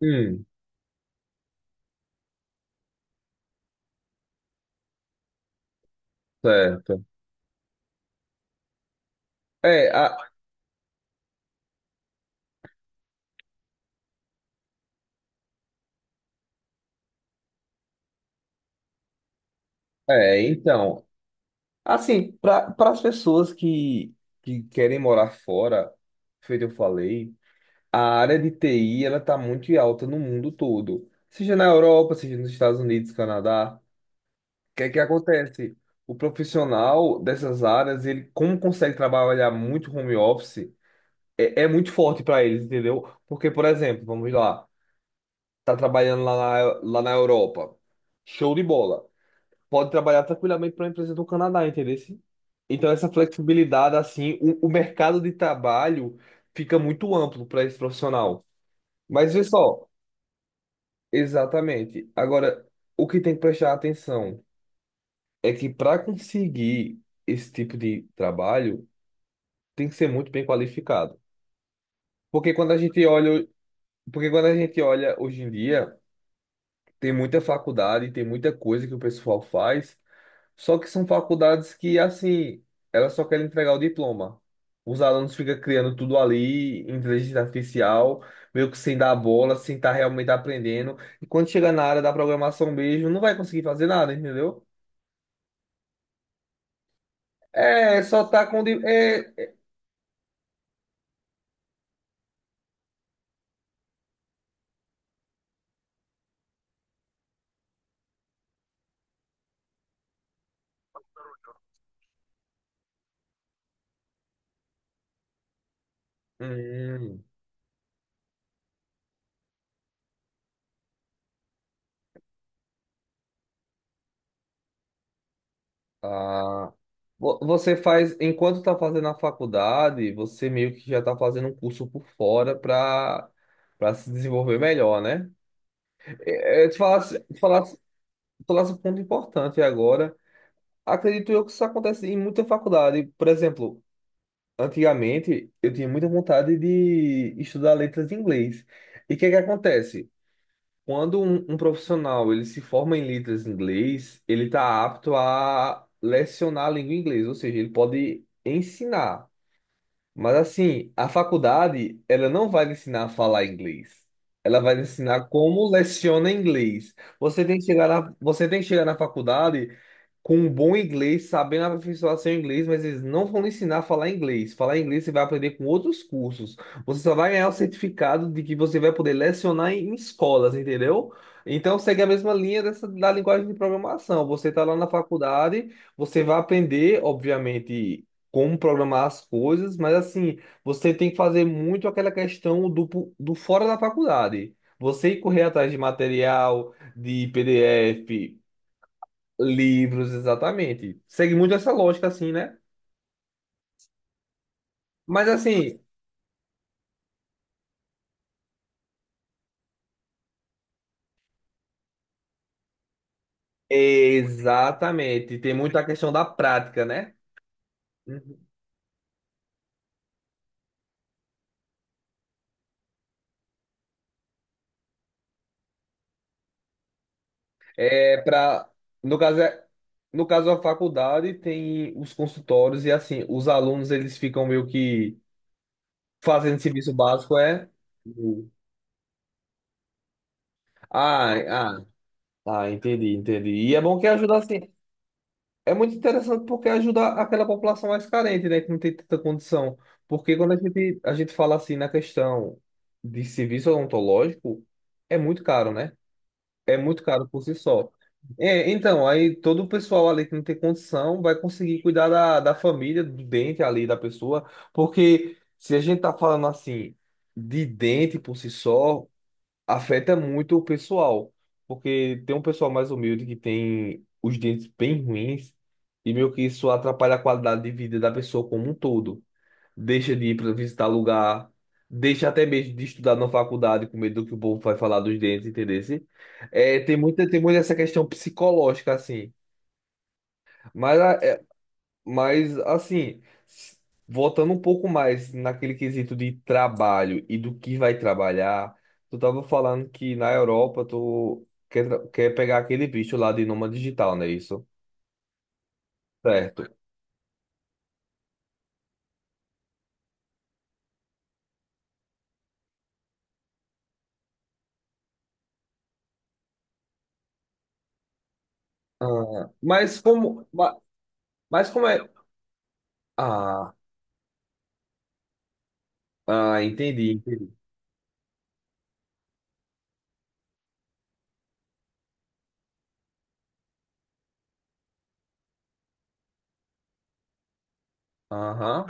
Hum, certo. É, a- é, então, assim, para as pessoas que querem morar fora, feito eu falei, a área de TI ela tá muito em alta no mundo todo, seja na Europa, seja nos Estados Unidos, Canadá. O que é que acontece? O profissional dessas áreas, ele como consegue trabalhar muito home office, é muito forte para eles, entendeu? Porque, por exemplo, vamos lá, tá trabalhando lá na Europa, show de bola. Pode trabalhar tranquilamente para uma empresa do Canadá, entendeu? Então, essa flexibilidade, assim, o mercado de trabalho fica muito amplo para esse profissional. Mas vê só, exatamente. Agora, o que tem que prestar atenção é que para conseguir esse tipo de trabalho, tem que ser muito bem qualificado. Porque quando a gente olha, Porque quando a gente olha hoje em dia, tem muita faculdade, tem muita coisa que o pessoal faz. Só que são faculdades que, assim, elas só querem entregar o diploma. Os alunos ficam criando tudo ali, inteligência artificial, meio que sem dar bola, sem estar realmente aprendendo. E quando chega na área da programação mesmo, não vai conseguir fazer nada, entendeu? É, só tá com. Hum, ah. Você faz, enquanto tá fazendo a faculdade, você meio que já tá fazendo um curso por fora para para se desenvolver melhor, né? É, te falar, tu traz um ponto importante agora. Acredito eu que isso acontece em muita faculdade. Por exemplo, antigamente eu tinha muita vontade de estudar letras em inglês. E o que é que acontece? Quando um profissional ele se forma em letras em inglês, ele está apto a lecionar a língua inglesa, ou seja, ele pode ensinar. Mas assim, a faculdade, ela não vai lhe ensinar a falar inglês. Ela vai lhe ensinar como leciona inglês. Você tem que chegar na faculdade com um bom inglês, sabendo aperfeiçoar seu inglês, mas eles não vão lhe ensinar a falar inglês. Falar inglês você vai aprender com outros cursos. Você só vai ganhar o certificado de que você vai poder lecionar em escolas, entendeu? Então segue a mesma linha dessa, da linguagem de programação. Você está lá na faculdade, você vai aprender, obviamente como programar as coisas, mas assim, você tem que fazer muito aquela questão do fora da faculdade. Você ir correr atrás de material, de PDF, livros, exatamente. Segue muito essa lógica, assim, né? Mas assim, exatamente, tem muito a questão da prática, né? Uhum. É para, no caso, é- No caso, a faculdade tem os consultórios e assim, os alunos eles ficam meio que fazendo serviço básico, é. Uhum. Ah, ah. Ah, entendi, entendi. E é bom que ajuda assim. É muito interessante porque ajuda aquela população mais carente, né, que não tem tanta condição. Porque quando a gente fala assim na questão de serviço odontológico, é muito caro, né? É muito caro por si só. É, então, aí todo o pessoal ali que não tem condição vai conseguir cuidar da família, do dente ali da pessoa, porque se a gente tá falando assim de dente por si só, afeta muito o pessoal, porque tem um pessoal mais humilde que tem os dentes bem ruins e meio que isso atrapalha a qualidade de vida da pessoa como um todo. Deixa de ir para visitar lugar, deixa até mesmo de estudar na faculdade com medo do que o povo vai falar dos dentes, entendeu? É, tem muita essa questão psicológica assim. Mas ah, mas, assim, s- Voltando um pouco mais naquele quesito de trabalho e do que vai trabalhar, tu tava falando que na Europa tu quer pegar aquele visto lá de nômade digital, não é isso? Certo. Ah, mas como é? Ah, ah, entendi, entendi. Aham.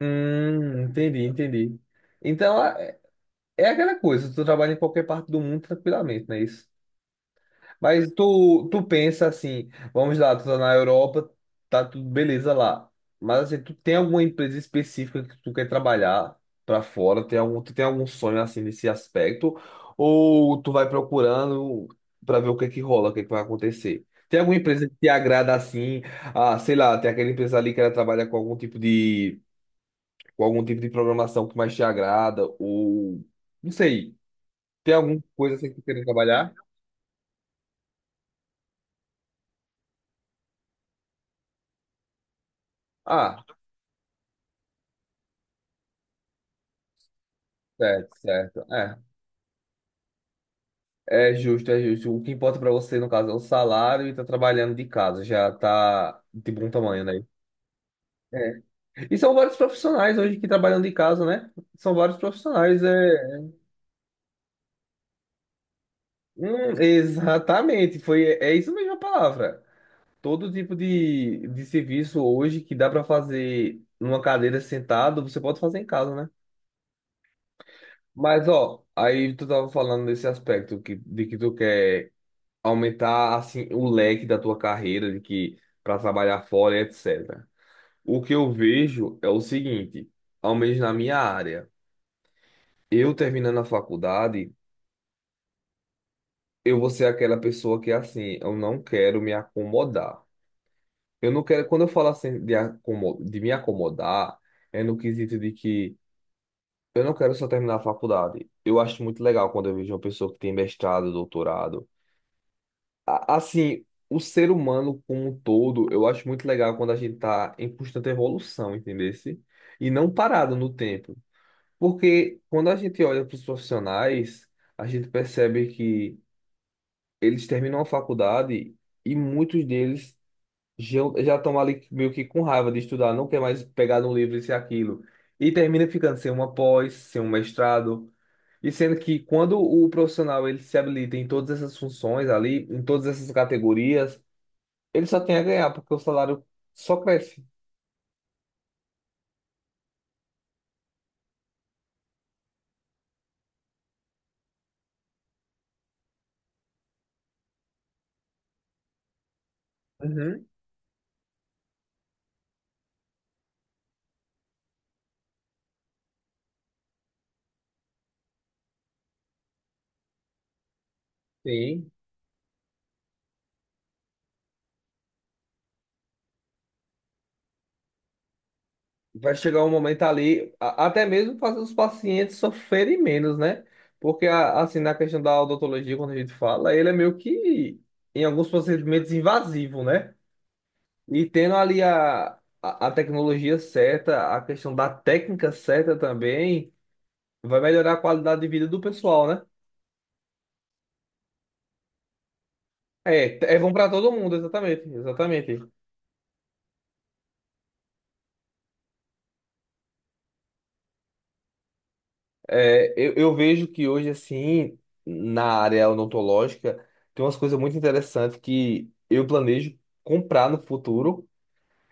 Entendi, entendi. Então, é aquela coisa, tu trabalha em qualquer parte do mundo tranquilamente, não é isso? Mas tu pensa assim, vamos lá, tu tá na Europa, tá tudo beleza lá. Mas assim, tu tem alguma empresa específica que tu quer trabalhar pra fora? Tu tem algum sonho assim nesse aspecto? Ou tu vai procurando pra ver o que é que rola, o que é que vai acontecer? Tem alguma empresa que te agrada assim? Ah, sei lá, tem aquela empresa ali que ela trabalha com algum tipo de programação que mais te agrada? Ou não sei, tem alguma coisa assim que tu quer trabalhar? Ah, certo, certo. É. É justo, é justo. O que importa pra você, no caso, é o salário e tá trabalhando de casa, já tá de bom tamanho, né? É. E são vários profissionais hoje que trabalham de casa, né? São vários profissionais, é. Exatamente, foi, é isso mesmo a palavra. Todo tipo de serviço hoje que dá pra fazer numa cadeira sentado, você pode fazer em casa, né? Mas, ó, aí tu tava falando desse aspecto de que tu quer aumentar assim o leque da tua carreira de que para trabalhar fora, etc. O que eu vejo é o seguinte, ao menos na minha área, eu terminando a faculdade, eu vou ser aquela pessoa que assim, eu não quero me acomodar. Eu não quero, quando eu falo assim de me acomodar, é no quesito de que eu não quero só terminar a faculdade. Eu acho muito legal quando eu vejo uma pessoa que tem mestrado, doutorado, Assim, o ser humano como um todo, eu acho muito legal quando a gente tá em constante evolução, entendesse? E não parado no tempo. Porque quando a gente olha para os profissionais, a gente percebe que eles terminam a faculdade e muitos deles já já estão ali meio que com raiva de estudar, não quer mais pegar no livro isso e aquilo. E termina ficando sem uma pós, sem um mestrado. E sendo que quando o profissional ele se habilita em todas essas funções ali, em todas essas categorias, ele só tem a ganhar, porque o salário só cresce. Uhum. Sim. Vai chegar um momento ali, até mesmo fazer os pacientes sofrerem menos, né? Porque, assim, na questão da odontologia, quando a gente fala, ele é meio que, em alguns procedimentos, invasivo, né? E tendo ali a tecnologia certa, a questão da técnica certa também, vai melhorar a qualidade de vida do pessoal, né? É, é bom para todo mundo, exatamente, exatamente. É, eu vejo que hoje, assim, na área odontológica, tem umas coisas muito interessantes que eu planejo comprar no futuro.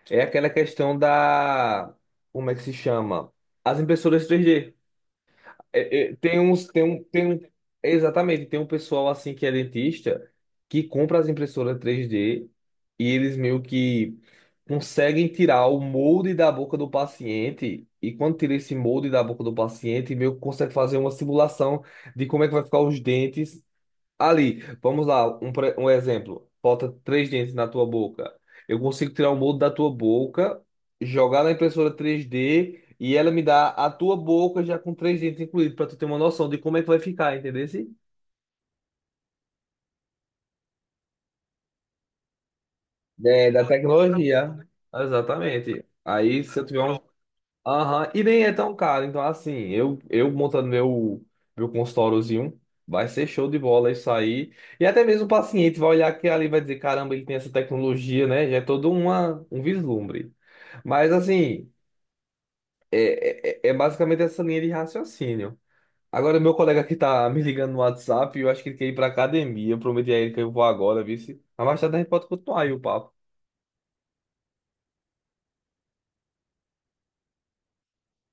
É aquela questão da. Como é que se chama? As impressoras 3D. É, tem uns, tem um, exatamente, tem um pessoal assim que é dentista que compra as impressoras 3D e eles meio que conseguem tirar o molde da boca do paciente e quando tira esse molde da boca do paciente, meio que consegue fazer uma simulação de como é que vai ficar os dentes. Ali, vamos lá, um exemplo. Falta três dentes na tua boca. Eu consigo tirar o molde da tua boca, jogar na impressora 3D e ela me dá a tua boca já com três dentes incluídos, para tu ter uma noção de como é que vai ficar, entendeu? É, da tecnologia. Exatamente. Aí, se eu tiver um. Aham. E nem é tão caro. Então, assim, eu montando meu consultóriozinho, vai ser show de bola isso aí. E até mesmo o paciente vai olhar aqui ali e vai dizer, caramba, ele tem essa tecnologia, né? Já é todo uma, um vislumbre. Mas, assim, é basicamente essa linha de raciocínio. Agora, meu colega aqui tá me ligando no WhatsApp, eu acho que ele quer ir pra academia. Eu prometi a ele que eu vou agora, viu? Mas mais tarde a gente pode continuar aí o papo.